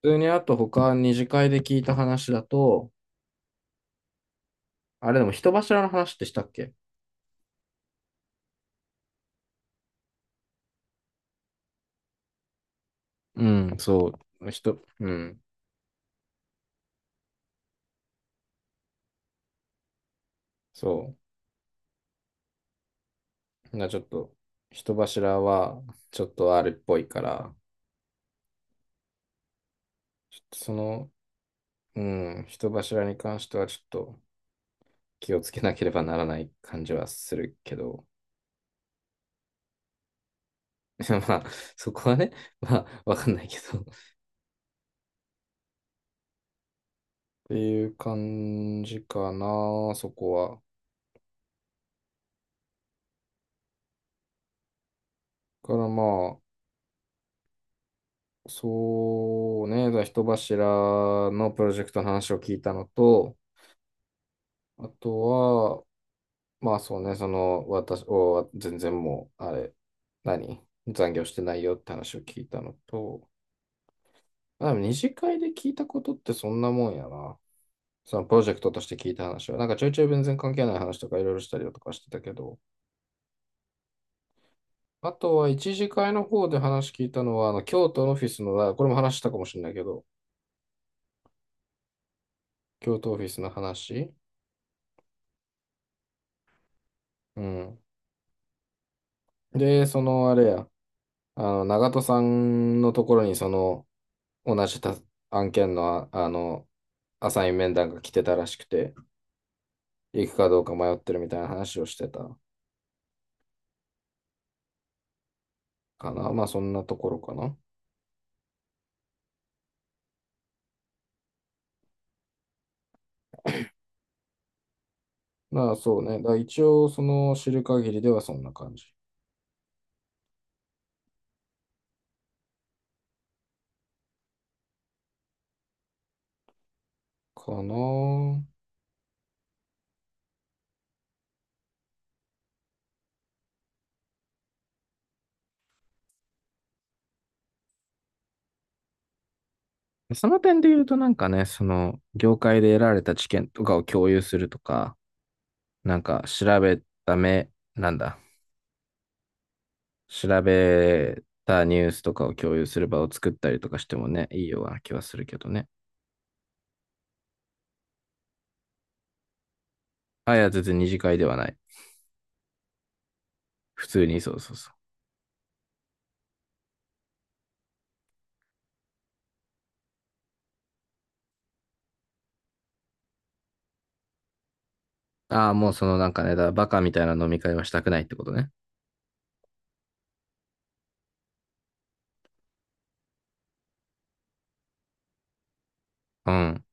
普通にあと他二次会で聞いた話だと、あれでも人柱の話ってしたっけ。うん、そう。人、うん、そう。ちょっと、人柱はちょっとあるっぽいから、ちょっとその、うん、人柱に関してはちょっと気をつけなければならない感じはするけど、まあ、そこはね、まあ、わかんないけど。っていう感じかな、そこは。からまあ、そうね、だから人柱のプロジェクトの話を聞いたのと、あとは、まあそうね、その、私、全然もう、あれ、何残業してないよって話を聞いたのと、あ、でも二次会で聞いたことってそんなもんやな。そのプロジェクトとして聞いた話は、なんかちょいちょい全然関係ない話とかいろいろしたりだとかしてたけど、あとは一次会の方で話聞いたのは、あの、京都のオフィスの、あこれも話したかもしれないけど、京都オフィスの話。うん。で、そのあれや、あの、長戸さんのところにその、同じた案件のアサイン面談が来てたらしくて、行くかどうか迷ってるみたいな話をしてたかな。まあそんなところかな。まあそうね。だから一応その知る限りではそんな感じかな。その点で言うとなんかね、その業界で得られた知見とかを共有するとか、なんか調べた目、なんだ。調べたニュースとかを共有する場を作ったりとかしてもね、いいような気はするけどね。あ、いや、全然二次会ではない。普通に、そうそうそう。ああ、もうそのなんかね、だからバカみたいな飲み会はしたくないってことね。うん、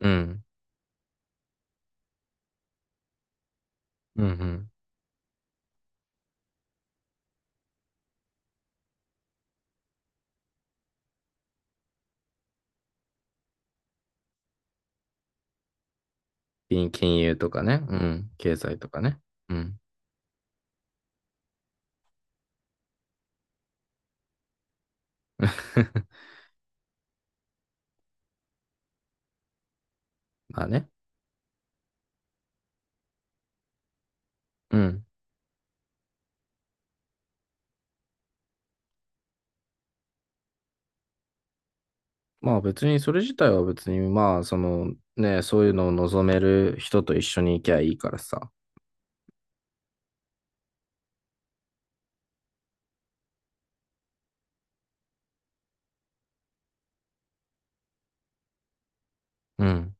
うん、うん、うん。金融とかね、うん、経済とかね。うん。まあね。うん。まあ別にそれ自体は別にまあそのね、そういうのを望める人と一緒に行きゃいいからさ。うん。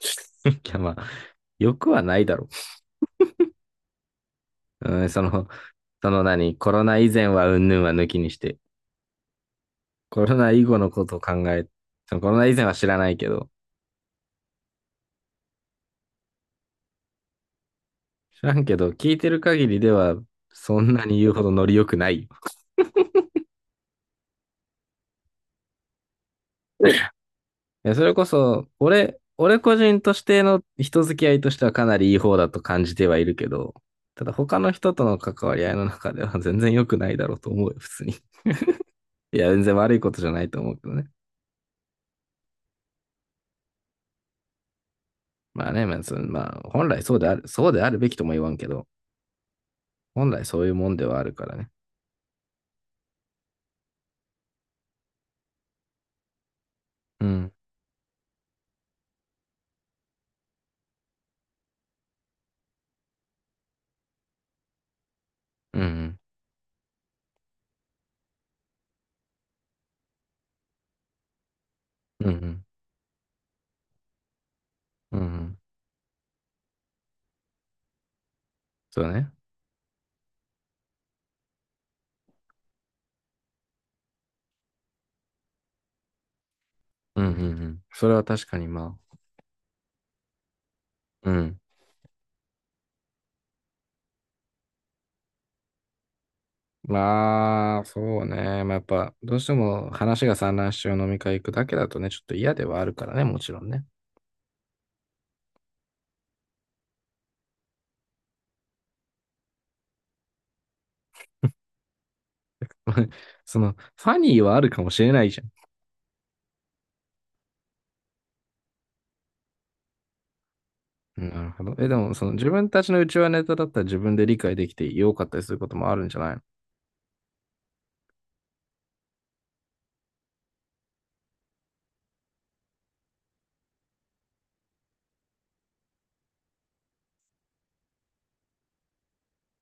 いやまあ、よくはないだろう。うん、そのその何、コロナ以前はうんぬんは抜きにして、コロナ以後のことを考え、そのコロナ以前は知らないけど、知らんけど、聞いてる限りでは、そんなに言うほどノリ良くないよ。いやそれこそ、俺個人としての人付き合いとしてはかなりいい方だと感じてはいるけど、ただ他の人との関わり合いの中では全然良くないだろうと思うよ、普通に。いや、全然悪いことじゃないと思うけどね。まあね、まあ、そのまあ、本来そうである、そうであるべきとも言わんけど、本来そういうもんではあるからね。うん。うん、うん。うん、うん、うんうん。そうだね。うん、うん、うん。それは確かに、まあ、うん。まあ、そうね。まあ、やっぱ、どうしても話が散乱しちゃう飲み会行くだけだとね、ちょっと嫌ではあるからね、もちろんね。その、ファニーはあるかもしれないじゃん。うんなるほど。え、でも、その、自分たちの内輪ネタだったら自分で理解できてよかったりすることもあるんじゃないの。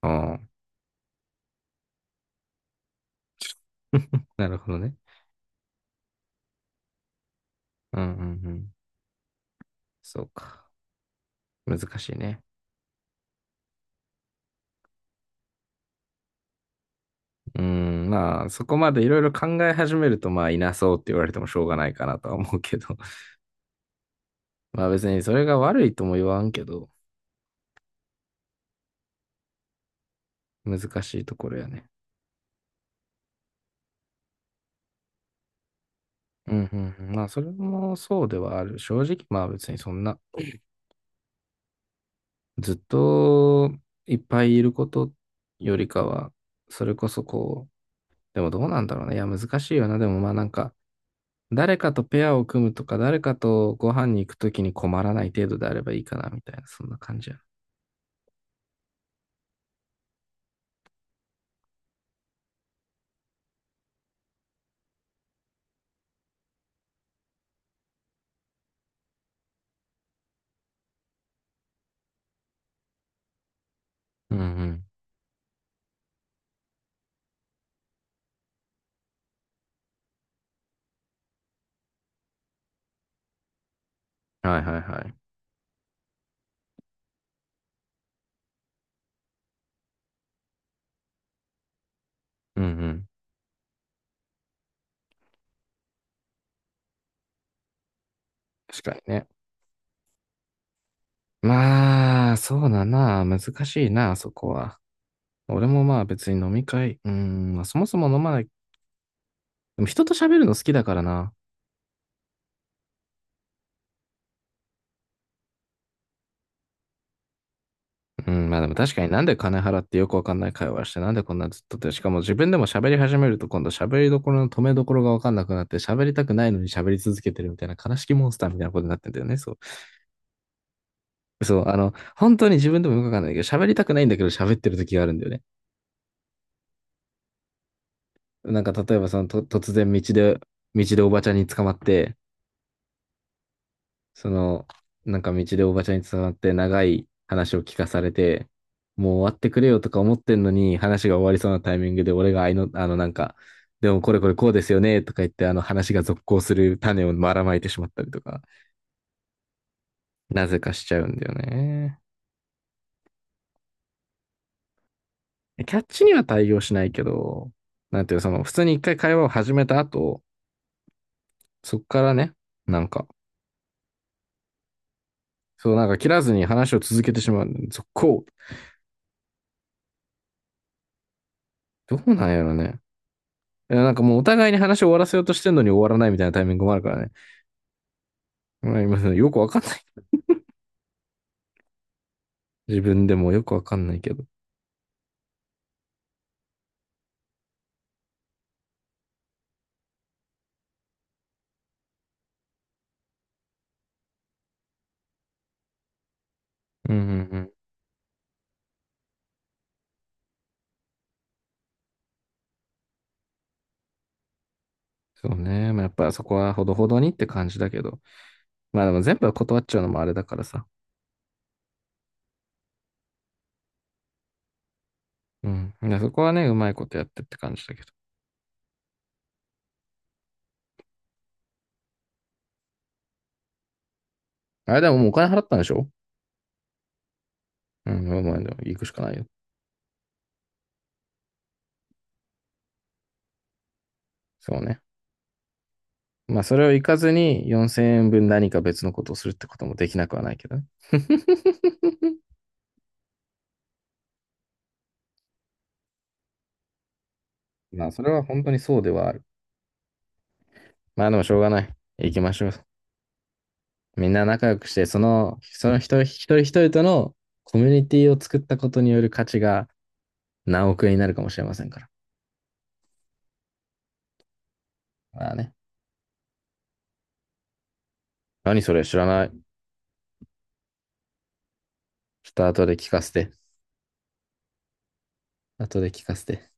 ああ、なるほどね。うん、うん、うん。そうか。難しいね。うーん、まあ、そこまでいろいろ考え始めると、まあ、いなそうって言われてもしょうがないかなとは思うけど。まあ、別にそれが悪いとも言わんけど、難しいところやね。うん、うん、うんまあ、それもそうではある。正直、まあ、別にそんな、ずっといっぱいいることよりかは、それこそこう、でもどうなんだろうね。いや、難しいよな。でもまあ、なんか、誰かとペアを組むとか、誰かとご飯に行くときに困らない程度であればいいかな、みたいな、そんな感じや。うんうん。はいはいはい。うんうん。確かにね。まあ、そうだな。難しいな、そこは。俺もまあ別に飲み会、うん、まあそもそも飲まない。でも人と喋るの好きだからな。うん、まあでも確かになんで金払ってよくわかんない会話して、なんでこんなずっとって、しかも自分でも喋り始めると今度喋りどころの止めどころがわかんなくなって、喋りたくないのに喋り続けてるみたいな悲しきモンスターみたいなことになってんだよね。そう。そう、あの、本当に自分でもよくわかんないけど、喋りたくないんだけど喋ってる時があるんだよね。なんか例えばそのと突然道で、道でおばちゃんに捕まって、その、なんか道でおばちゃんに伝わって長い話を聞かされて、もう終わってくれよとか思ってんのに、話が終わりそうなタイミングで俺があいの、あのなんか、でもこれこれこうですよねとか言って、あの話が続行する種をばらまいてしまったりとか、なぜかしちゃうんだよね。キャッチには対応しないけど、なんていうその、普通に一回会話を始めた後、そこからね、なんか、そうなんか切らずに話を続けてしまう。続行。どうなんやろね。いやなんかもうお互いに話を終わらせようとしてんのに終わらないみたいなタイミングもあるからね。まあ、今よくわかんない。自分でもよくわかんないけど。うんうんうん。そうね。まあ、やっぱそこはほどほどにって感じだけど。まあでも全部は断っちゃうのもあれだからさ。うん。いやそこはね、うまいことやってって感じだけど。あれでももうお金払ったんでしょ。うん、もう行くしかないよ。そうね。まあそれを行かずに4000円分何か別のことをするってこともできなくはないけどね。まあそれは本当にそうではある。まあでもしょうがない。行きましょう。みんな仲良くして、その、その人、一人一人とのコミュニティを作ったことによる価値が何億円になるかもしれませんから。まあね。何それ知らない。ちょっと後で聞かせて。後で聞かせて。